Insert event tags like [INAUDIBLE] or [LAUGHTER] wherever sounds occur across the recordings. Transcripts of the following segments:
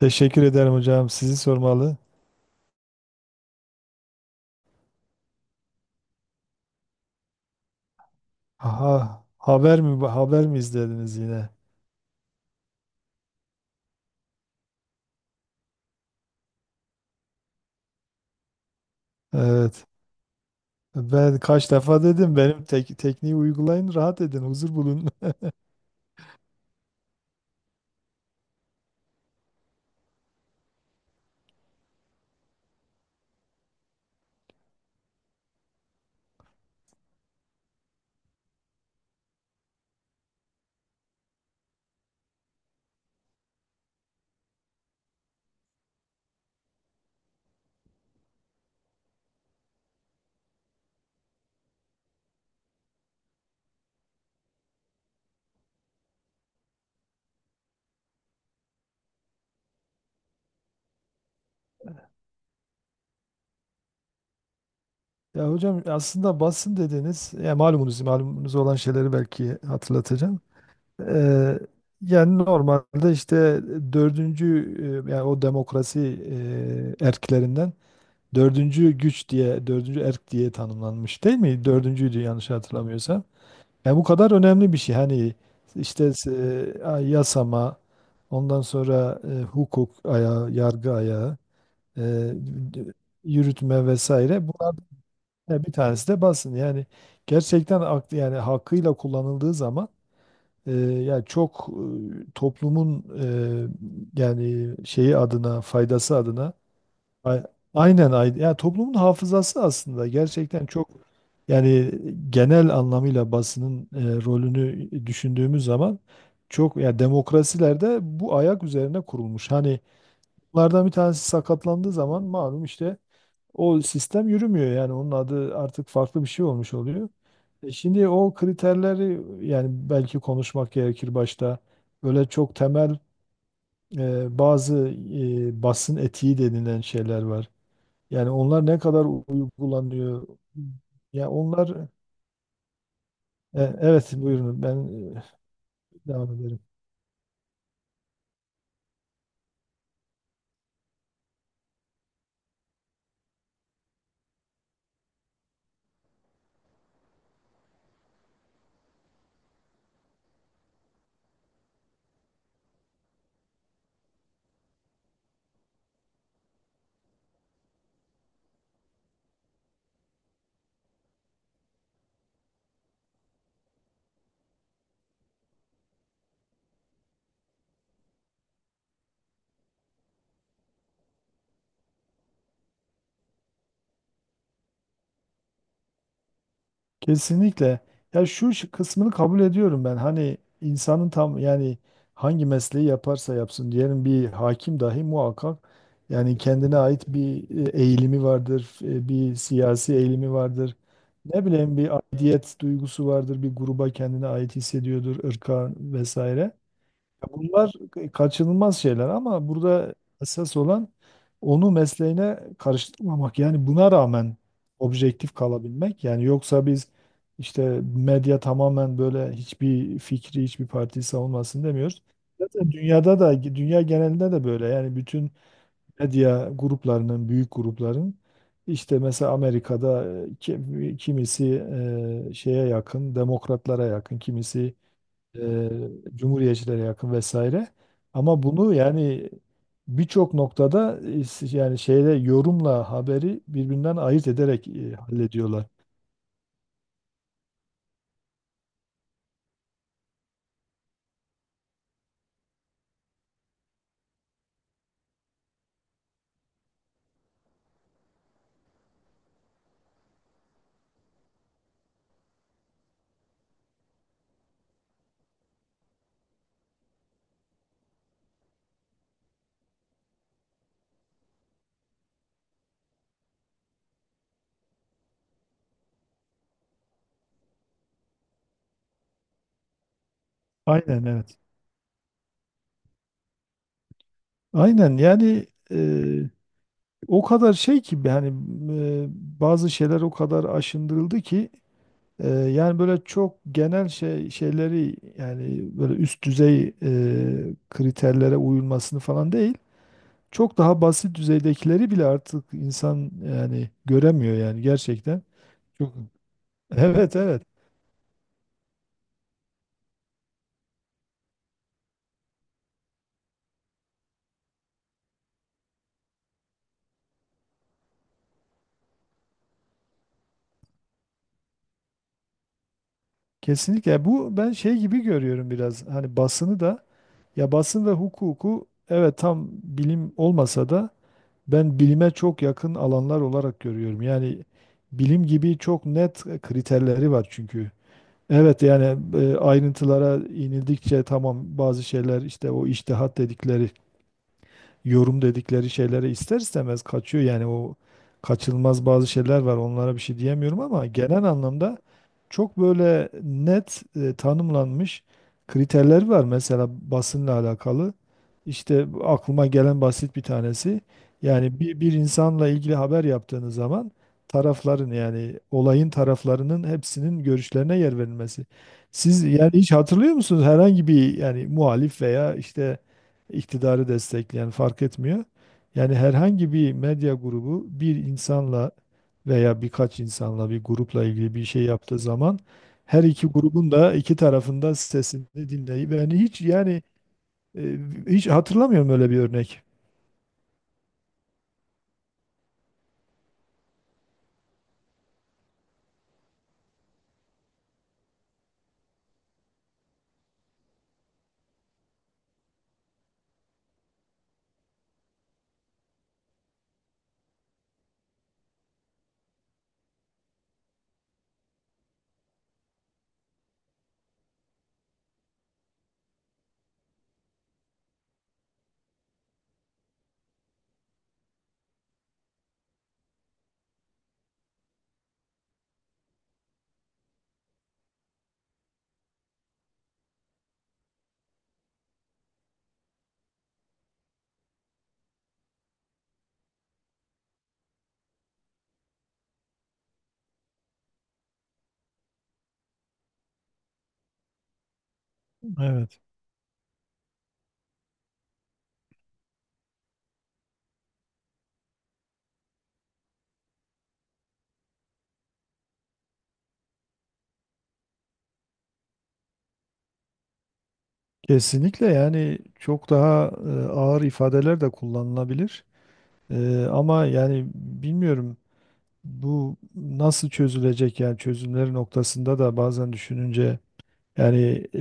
Teşekkür ederim hocam. Sizi sormalı. Aha, haber mi izlediniz yine? Evet. Ben kaç defa dedim benim tekniği uygulayın, rahat edin, huzur bulun. [LAUGHS] Ya hocam aslında basın dediniz. Ya malumunuz olan şeyleri belki hatırlatacağım. Ee, Yani normalde işte dördüncü, yani o demokrasi erklerinden, dördüncü güç diye, dördüncü erk diye tanımlanmış değil mi? Dördüncüydü yanlış hatırlamıyorsam. Ya bu kadar önemli bir şey. Hani işte yasama, ondan sonra hukuk ayağı, yargı ayağı, e, yürütme vesaire. Bunlardan bir tanesi de basın. Yani gerçekten aklı yani hakkıyla kullanıldığı zaman, ya çok, toplumun yani şeyi adına, faydası adına... A- Aynen, yani toplumun hafızası aslında gerçekten çok. Yani genel anlamıyla basının rolünü düşündüğümüz zaman, çok ya, demokrasilerde bu ayak üzerine kurulmuş. Hani bunlardan bir tanesi sakatlandığı zaman malum işte, o sistem yürümüyor, yani onun adı artık farklı bir şey olmuş oluyor. E şimdi o kriterleri, yani belki konuşmak gerekir başta. Böyle çok temel, bazı basın etiği denilen şeyler var. Yani onlar ne kadar uygulanıyor? Ya onlar... Evet, buyurun, ben e, devam ederim. Kesinlikle. Ya şu kısmını kabul ediyorum ben. Hani insanın tam, yani hangi mesleği yaparsa yapsın diyelim, bir hakim dahi muhakkak yani kendine ait bir eğilimi vardır, bir siyasi eğilimi vardır. Ne bileyim, bir aidiyet duygusu vardır, bir gruba kendine ait hissediyordur, ırka vesaire. Ya bunlar kaçınılmaz şeyler ama burada esas olan onu mesleğine karıştırmamak. Yani buna rağmen objektif kalabilmek. Yani yoksa biz işte medya tamamen böyle hiçbir fikri, hiçbir partiyi savunmasın demiyoruz. Zaten dünyada da, dünya genelinde de böyle. Yani bütün medya gruplarının, büyük grupların, işte mesela Amerika'da kimisi şeye yakın, demokratlara yakın, kimisi e, cumhuriyetçilere yakın vesaire. Ama bunu yani birçok noktada, yani şeyle, yorumla haberi birbirinden ayırt ederek hallediyorlar. Aynen evet. Aynen yani, e, o kadar şey ki yani, e, bazı şeyler o kadar aşındırıldı ki, yani böyle çok genel şey şeyleri, yani böyle üst düzey kriterlere uyulmasını falan değil. Çok daha basit düzeydekileri bile artık insan yani göremiyor, yani gerçekten. Çok. Evet, evet. Kesinlikle, bu ben şey gibi görüyorum biraz. Hani basını da, ya basın ve hukuku, evet tam bilim olmasa da ben bilime çok yakın alanlar olarak görüyorum. Yani bilim gibi çok net kriterleri var çünkü. Evet yani, ayrıntılara inildikçe tamam bazı şeyler işte o içtihat dedikleri, yorum dedikleri şeylere ister istemez kaçıyor. Yani o kaçılmaz bazı şeyler var. Onlara bir şey diyemiyorum ama genel anlamda çok böyle net, tanımlanmış kriterler var. Mesela basınla alakalı. İşte bu aklıma gelen basit bir tanesi. Yani bir insanla ilgili haber yaptığınız zaman, tarafların yani olayın taraflarının hepsinin görüşlerine yer verilmesi. Siz yani hiç hatırlıyor musunuz, herhangi bir yani muhalif veya işte iktidarı destekleyen fark etmiyor. Yani herhangi bir medya grubu bir insanla veya birkaç insanla, bir grupla ilgili bir şey yaptığı zaman, her iki grubun da iki tarafında sesini dinleyip yani, hiç yani, e, hiç hatırlamıyorum öyle bir örnek. Evet. Kesinlikle yani çok daha, ağır ifadeler de kullanılabilir. Ama yani bilmiyorum bu nasıl çözülecek, yani çözümleri noktasında da bazen düşününce... Yani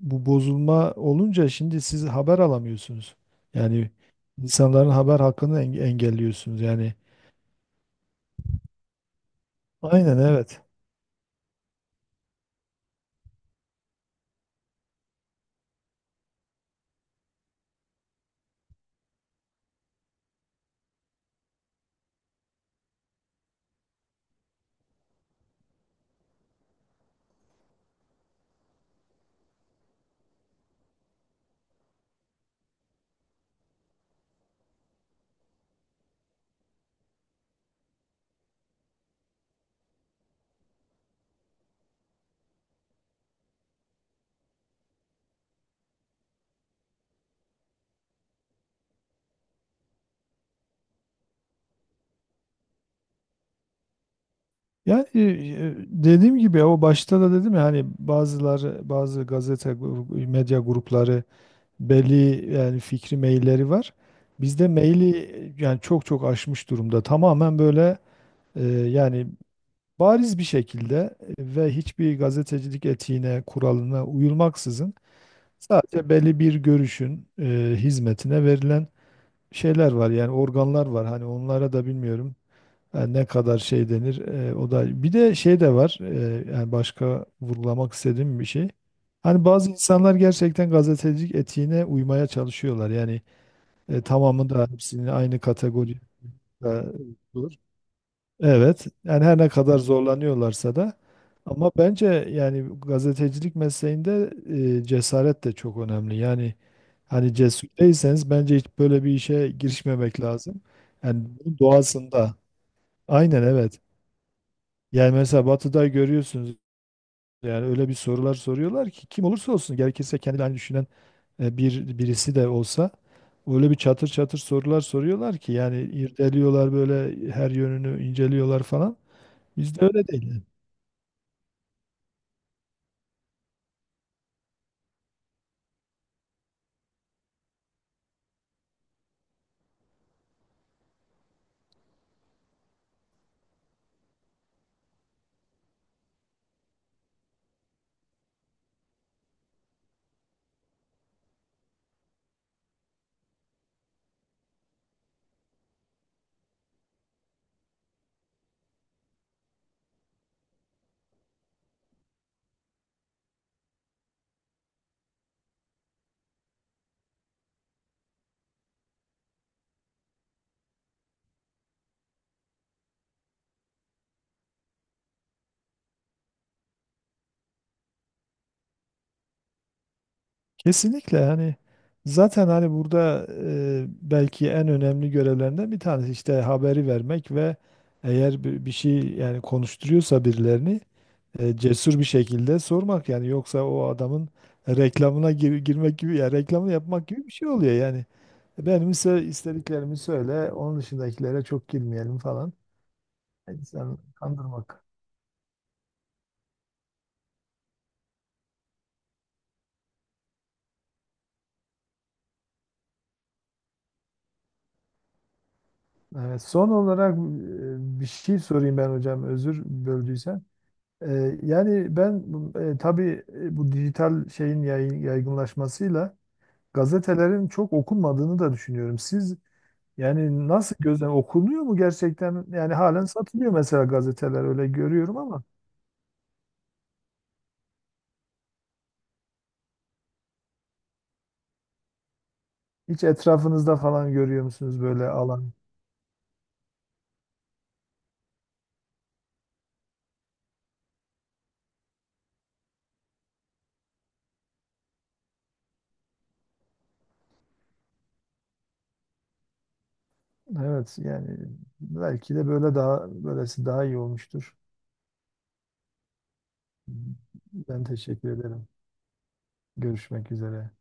bu bozulma olunca şimdi siz haber alamıyorsunuz. Yani insanların haber hakkını engelliyorsunuz. Yani aynen evet. Yani, dediğim gibi o başta da dedim ya, hani bazıları bazı gazete medya grupları belli, yani fikri mailleri var. Bizde maili, yani çok çok aşmış durumda. Tamamen böyle, yani bariz bir şekilde, ve hiçbir gazetecilik etiğine, kuralına uyulmaksızın, sadece belli bir görüşün hizmetine verilen şeyler var, yani organlar var. Hani onlara da bilmiyorum yani ne kadar şey denir. O da bir de şey de var, yani başka vurgulamak istediğim bir şey. Hani bazı insanlar gerçekten gazetecilik etiğine uymaya çalışıyorlar, yani tamamı da hepsini aynı kategoride... Evet, yani her ne kadar zorlanıyorlarsa da, ama bence yani gazetecilik mesleğinde cesaret de çok önemli. Yani hani cesur değilseniz bence hiç böyle bir işe girişmemek lazım. Yani bunun doğasında. Aynen evet. Yani mesela Batı'da görüyorsunuz, yani öyle bir sorular soruyorlar ki kim olursa olsun, gerekirse kendi aynı düşünen bir birisi de olsa, öyle bir çatır çatır sorular soruyorlar ki, yani irdeliyorlar, böyle her yönünü inceliyorlar falan. Bizde öyle değil. Kesinlikle, hani zaten hani burada belki en önemli görevlerinden bir tanesi işte haberi vermek ve eğer bir şey yani konuşturuyorsa birilerini, cesur bir şekilde sormak. Yani yoksa o adamın reklamına girmek gibi, ya reklamı yapmak gibi bir şey oluyor yani. Benim ise istediklerimi söyle, onun dışındakilere çok girmeyelim falan. İnsanı kandırmak. Evet, son olarak bir şey sorayım ben hocam, özür böldüysem. Yani ben, tabii, bu dijital şeyin yaygınlaşmasıyla gazetelerin çok okunmadığını da düşünüyorum. Siz yani nasıl gözlem, okunuyor mu gerçekten? Yani halen satılıyor mesela gazeteler, öyle görüyorum ama hiç etrafınızda falan görüyor musunuz böyle alan? Evet yani belki de böyle, daha böylesi daha iyi olmuştur. Ben teşekkür ederim. Görüşmek üzere.